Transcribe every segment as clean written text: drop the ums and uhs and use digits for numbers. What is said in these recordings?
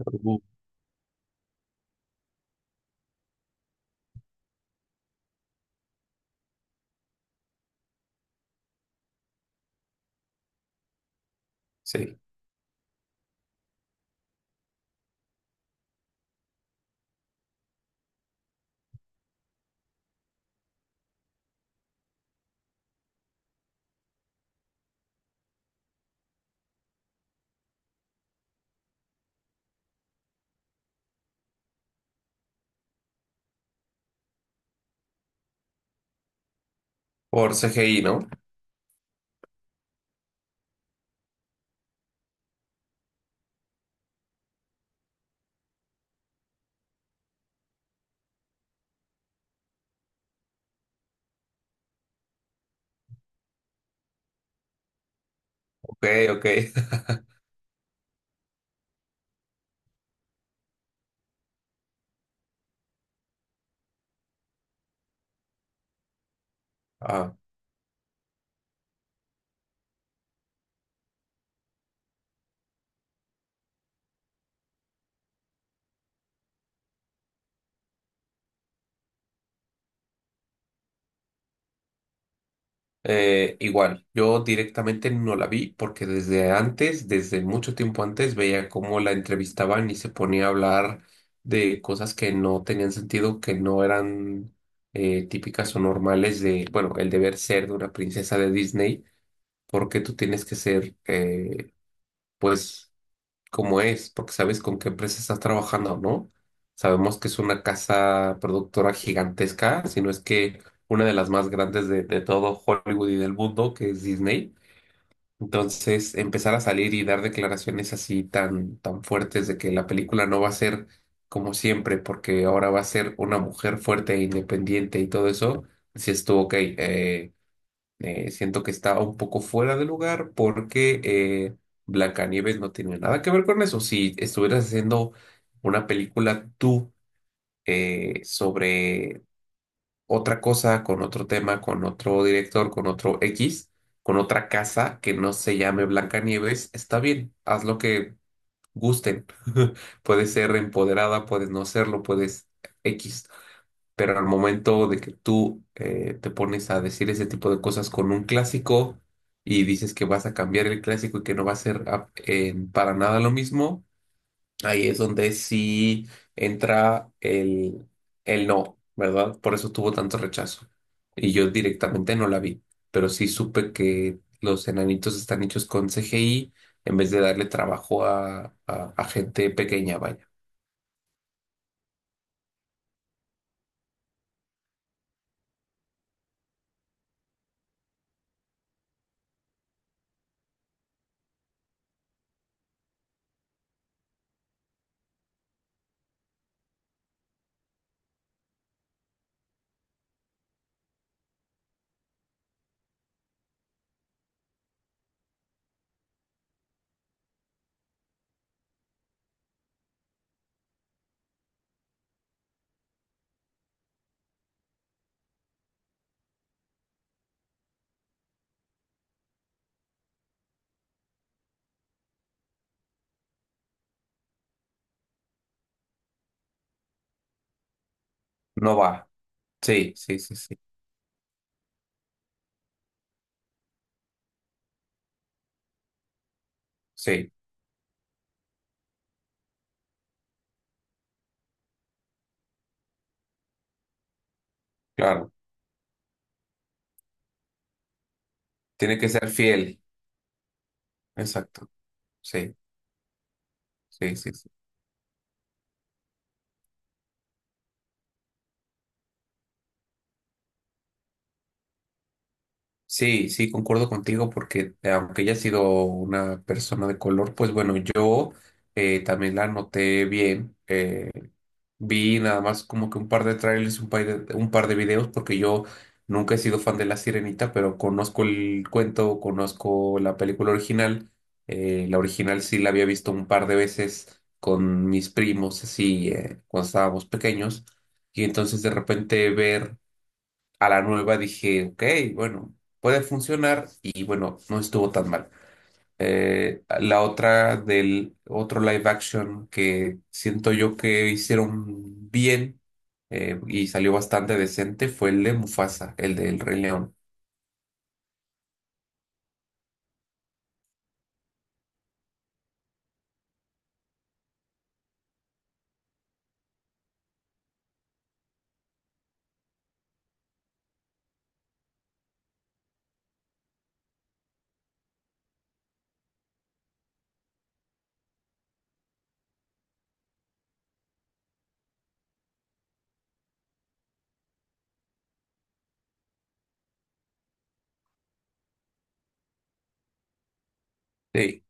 Uh, Sí, por CGI, ¿no? Ok, ok. Ah, igual, yo directamente no la vi porque desde antes, desde mucho tiempo antes, veía cómo la entrevistaban y se ponía a hablar de cosas que no tenían sentido, que no eran típicas o normales de, bueno, el deber ser de una princesa de Disney, porque tú tienes que ser, pues cómo es, porque sabes con qué empresa estás trabajando, ¿no? Sabemos que es una casa productora gigantesca, si no es que una de las más grandes de todo Hollywood y del mundo, que es Disney. Entonces, empezar a salir y dar declaraciones así tan, tan fuertes de que la película no va a ser como siempre, porque ahora va a ser una mujer fuerte e independiente y todo eso, si estuvo ok. Siento que está un poco fuera de lugar porque Blancanieves no tiene nada que ver con eso. Si estuvieras haciendo una película tú sobre otra cosa, con otro tema, con otro director, con otro X, con otra casa que no se llame Blancanieves, está bien, haz lo que gusten. Puedes ser empoderada, puedes no serlo, puedes X. Pero al momento de que tú te pones a decir ese tipo de cosas con un clásico y dices que vas a cambiar el clásico y que no va a ser para nada lo mismo, ahí es donde sí entra el no, ¿verdad? Por eso tuvo tanto rechazo. Y yo directamente no la vi, pero sí supe que los enanitos están hechos con CGI en vez de darle trabajo a gente pequeña, vaya. No va. Sí, sí, sí, sí. Sí, claro. Tiene que ser fiel. Exacto. Sí, sí, sí, sí. Sí, sí, concuerdo contigo porque aunque ella ha sido una persona de color, pues bueno, yo también la noté bien. Vi nada más como que un par de trailers, un par de videos, porque yo nunca he sido fan de La Sirenita, pero conozco el cuento, conozco la película original. La original sí la había visto un par de veces con mis primos, así, cuando estábamos pequeños. Y entonces de repente ver a la nueva dije, ok, bueno, puede funcionar y bueno, no estuvo tan mal. La otra del otro live action que siento yo que hicieron bien y salió bastante decente fue el de Mufasa, el del Rey León. Sí.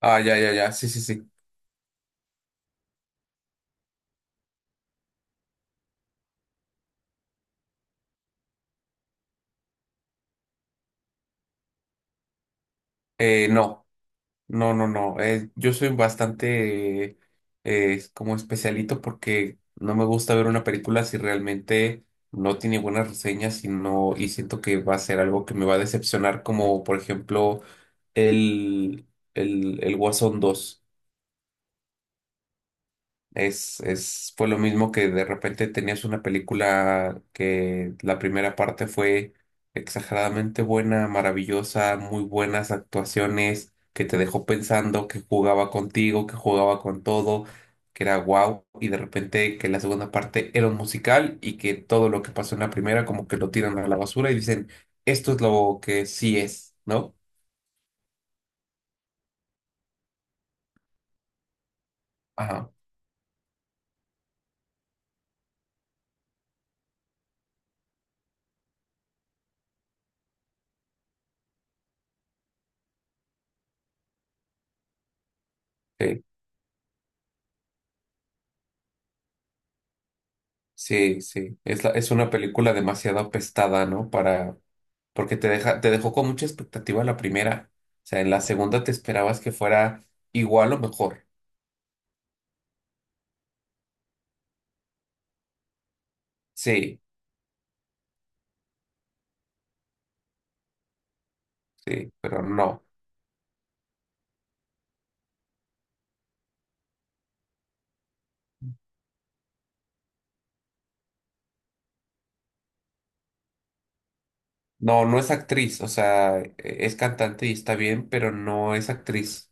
Ah, ya, ya, ya. Sí, sí, sí. No. No, no, no. Yo soy bastante como especialito porque no me gusta ver una película si realmente no tiene buenas reseñas y no, y siento que va a ser algo que me va a decepcionar, como por ejemplo el, el Guasón 2. Fue lo mismo que de repente tenías una película que la primera parte fue exageradamente buena, maravillosa, muy buenas actuaciones, que te dejó pensando, que jugaba contigo, que jugaba con todo, que era guau, y de repente que la segunda parte era un musical y que todo lo que pasó en la primera como que lo tiran a la basura y dicen, esto es lo que sí es, ¿no? Ajá. Sí, sí. Es una película demasiado apestada, ¿no? Porque te dejó con mucha expectativa la primera. O sea, en la segunda te esperabas que fuera igual o mejor. Sí, sí, pero no. No, no es actriz. O sea, es cantante y está bien, pero no es actriz.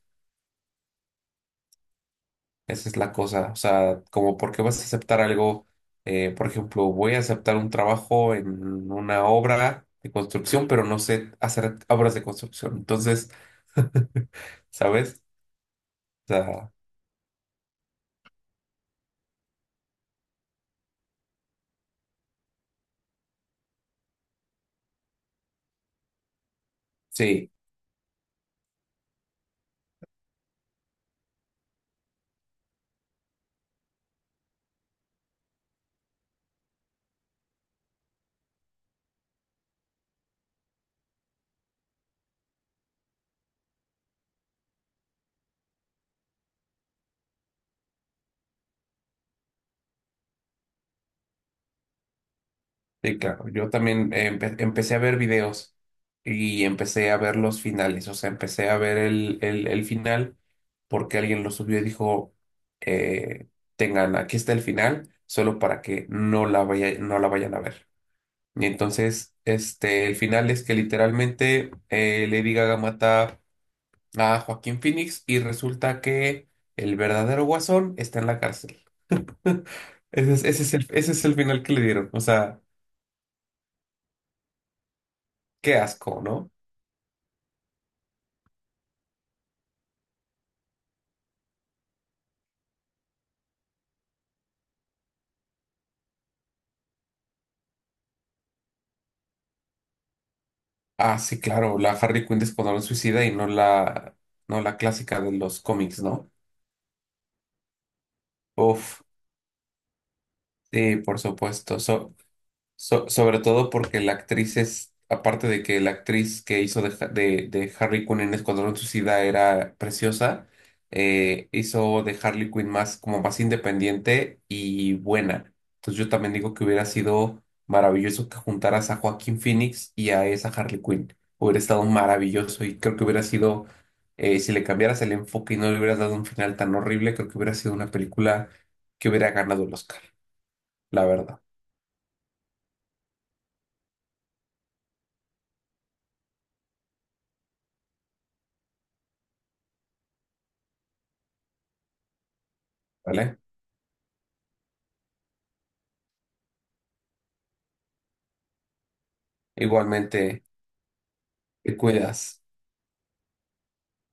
Esa es la cosa. O sea, como por qué vas a aceptar algo, por ejemplo, voy a aceptar un trabajo en una obra de construcción, pero no sé hacer obras de construcción. Entonces, ¿sabes? Sea, sí, sí, claro. Yo también empecé a ver videos y empecé a ver los finales. O sea, empecé a ver el final porque alguien lo subió y dijo, eh, tengan, aquí está el final, solo para que no la vayan a ver. Y entonces, este, el final es que literalmente Lady Gaga mata a Joaquín Phoenix y resulta que el verdadero Guasón está en la cárcel. Ese es el final que le dieron. O sea, qué asco, ¿no? Ah, sí, claro, la Harley Quinn de Escuadrón Suicida y no la clásica de los cómics, ¿no? Uf, sí, por supuesto. Sobre todo porque la actriz es, aparte de que la actriz que hizo de Harley Quinn en Escuadrón Suicida era preciosa, hizo de Harley Quinn más, como más independiente y buena. Entonces yo también digo que hubiera sido maravilloso que juntaras a Joaquín Phoenix y a esa Harley Quinn. Hubiera estado maravilloso y creo que hubiera sido, si le cambiaras el enfoque y no le hubieras dado un final tan horrible, creo que hubiera sido una película que hubiera ganado el Oscar, la verdad, ¿vale? Igualmente. Te cuidas.